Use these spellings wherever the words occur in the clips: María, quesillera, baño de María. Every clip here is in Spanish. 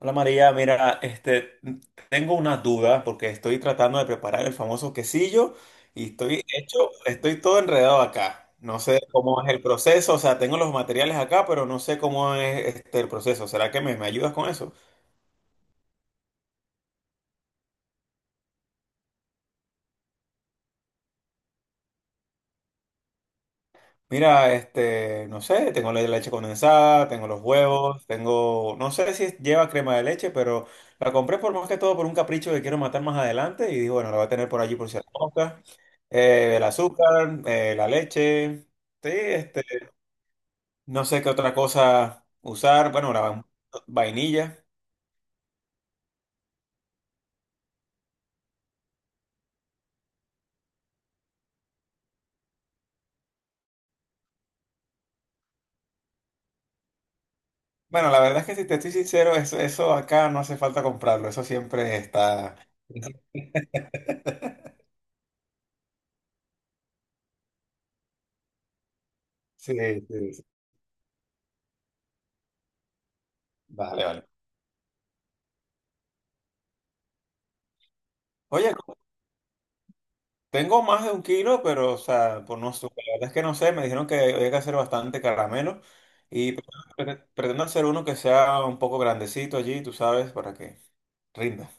Hola María, mira, tengo una duda porque estoy tratando de preparar el famoso quesillo y estoy hecho, estoy todo enredado acá. No sé cómo es el proceso, o sea, tengo los materiales acá, pero no sé cómo es el proceso. ¿Será que me ayudas con eso? Mira, este, no sé, tengo la leche condensada, tengo los huevos, tengo, no sé si lleva crema de leche, pero la compré por más que todo por un capricho que quiero matar más adelante y digo, bueno, la voy a tener por allí por si la mosca. El azúcar, la leche, sí, este, no sé qué otra cosa usar, bueno, vainilla. Bueno, la verdad es que si te estoy sincero, eso acá no hace falta comprarlo, eso siempre está. Sí, sí, sí. Vale, vale. Oye, tengo más de un kilo, pero, o sea, por no sé, la verdad es que no sé, me dijeron que había que hacer bastante caramelo y pretendo hacer uno que sea un poco grandecito allí, tú sabes, para que rinda.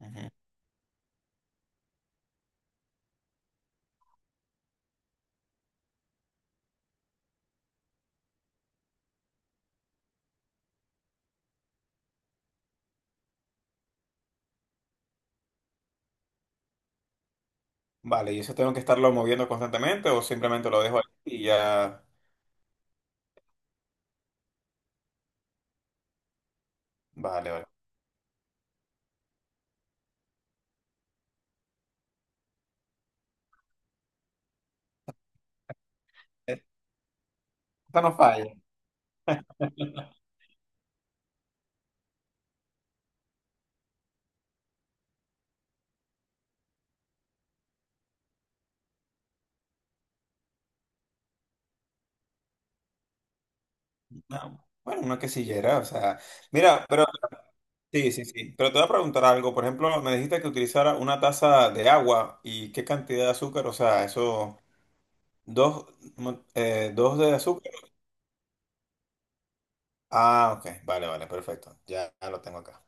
Ujú. Vale, ¿y eso tengo que estarlo moviendo constantemente o simplemente lo dejo ahí y ya? Vale, vale. Esta no falla. No, bueno, una quesillera, o sea, mira, pero sí, sí, sí, pero te voy a preguntar algo, por ejemplo, me dijiste que utilizara una taza de agua y qué cantidad de azúcar, o sea, eso... Dos, mm, dos de azúcar. Ah, ok. Vale, vale, perfecto. Ya, ya lo tengo acá.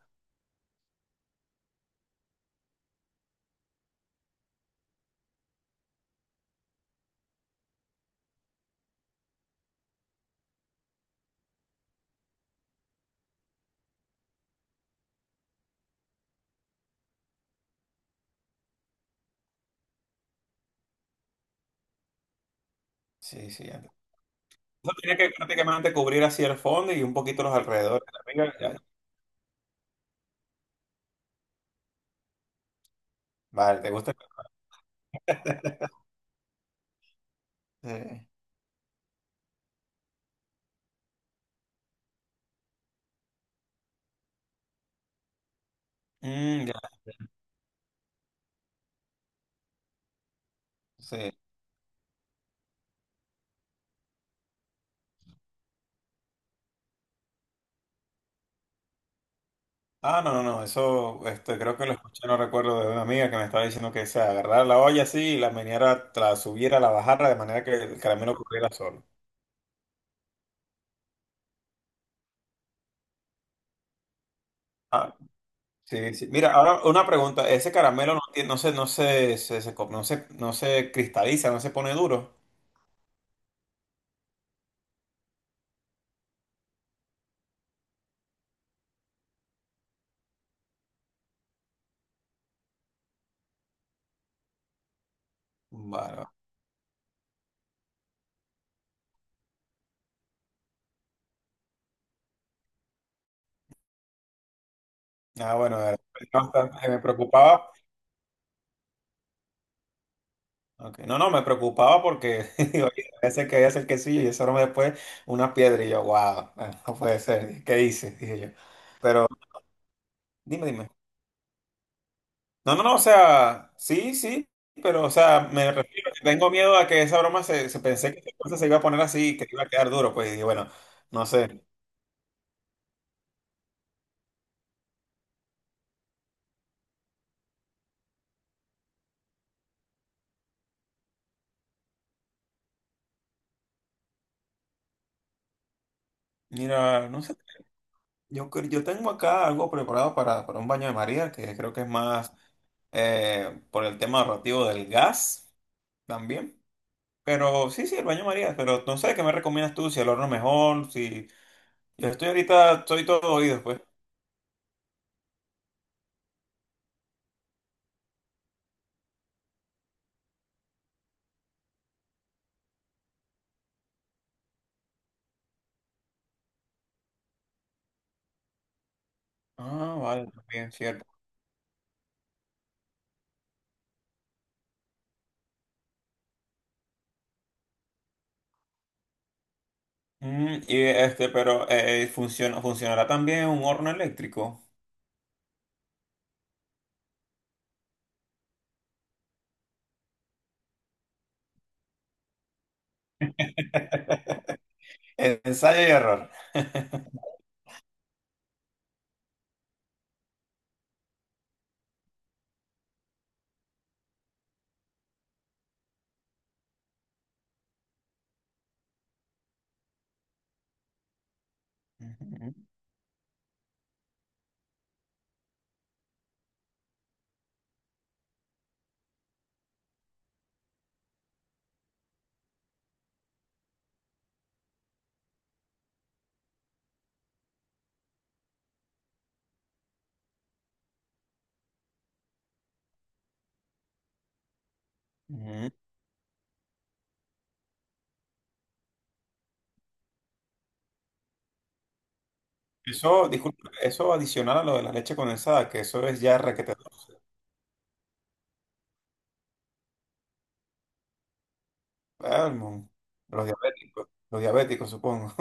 Sí, sí, ya. Eso tiene que prácticamente cubrir así el fondo y un poquito los alrededores. De Ya. Vale, ¿te gusta? Sí. Mm, ya, sí. Ah, no, no, no. Eso, este, creo que lo escuché, no recuerdo, de una amiga que me estaba diciendo que se agarrara la olla así y la meneara, la subiera, la bajara de manera que el caramelo cubriera solo. Ah, sí, sí. Mira, ahora una pregunta. Ese caramelo no tiene, no se, no se, se- se co- no se, no se cristaliza, no se pone duro. Bueno, ah, bueno, era bastante, me preocupaba. Ok, no, no, me preocupaba porque digo, oye, ese que es el quesillo y ese aroma después una piedra y yo, wow, no puede ser, ¿qué hice? Dije yo. Pero dime. No, no, no, o sea, sí, sí, pero o sea, me refiero, que tengo miedo a que esa broma se, se pensé que esa cosa se iba a poner así, que iba a quedar duro, pues y bueno, no sé. Mira, no sé, yo tengo acá algo preparado para un baño de María, que creo que es más... por el tema narrativo del gas también. Pero sí, sí, el baño María, pero no sé qué me recomiendas tú, si el horno mejor, si yo estoy ahorita, estoy todo oídos, pues. Ah, vale, también, cierto. Mm, y este, pero funcionará también un horno eléctrico. Ensayo y error. Ujú, ujú. Eso, disculpa, eso adicional a lo de la leche condensada, que eso es ya requete. Ah, mon, los diabéticos, los diabéticos, supongo.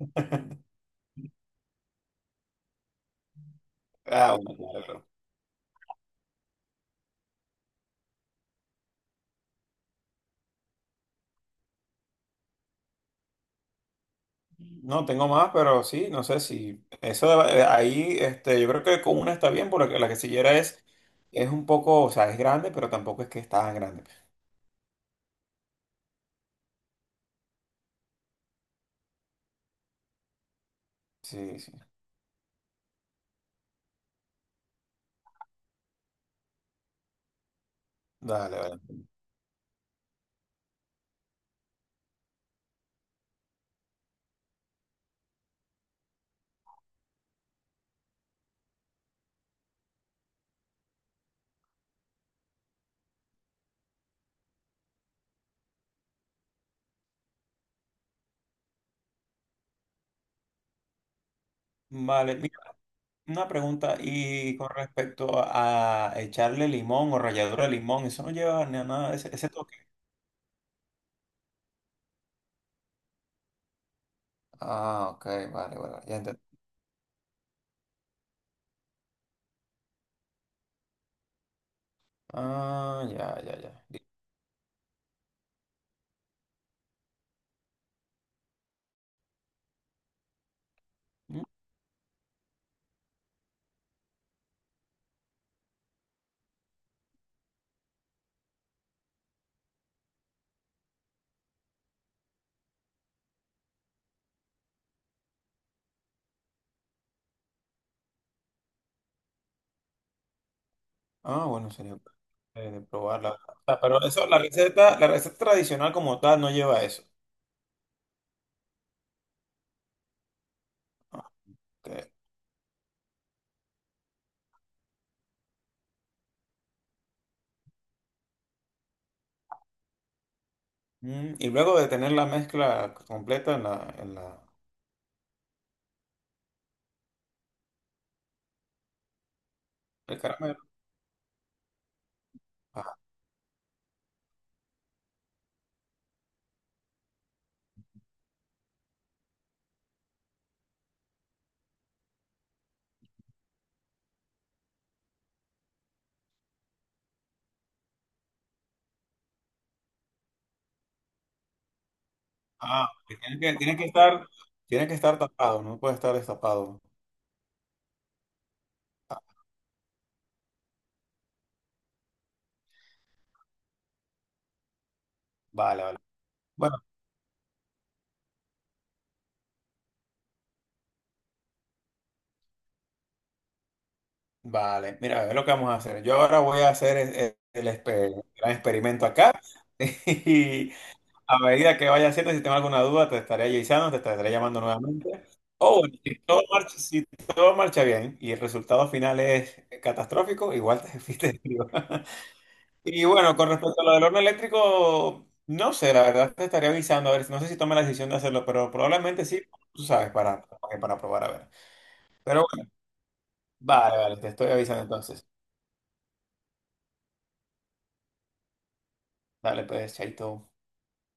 Ah, bueno, claro. No, tengo más, pero sí, no sé si eso de- ahí, este, yo creo que con una está bien, porque la quesillera es un poco, o sea, es grande, pero tampoco es que es tan grande. Sí, sí. Dale, vale. Vale, mira, una pregunta, y con respecto a echarle limón o ralladura de limón, eso no lleva ni a nada, ese toque. Ah, ok, vale, vale, ya entendí. Ah, ya, ya, ya. Mm, ah, bueno, sería bueno, de probarla. Ah, pero eso, la receta tradicional como tal no lleva eso. Ok. Mm, y luego de tener la mezcla completa en la, el caramelo. Ah, ah, que tiene que, tiene que estar tapado, no puede estar destapado. Vale, vale. Bueno, vale. Mira, a ver lo que vamos a hacer. Yo ahora voy a hacer gran experimento acá. Y a medida que vaya haciendo, si tengo alguna duda, te estaré avisando, te estaré llamando nuevamente. O bueno, si todo marcha, si todo marcha bien y el resultado final es catastrófico, igual te fuiste de vivo. Y bueno, con respecto a lo del horno eléctrico, no sé, la verdad te estaría avisando, a ver, no sé si tome la decisión de hacerlo, pero probablemente sí, tú sabes, para probar, a ver. Pero bueno, vale, vale, te estoy avisando entonces. Dale, pues, chaito.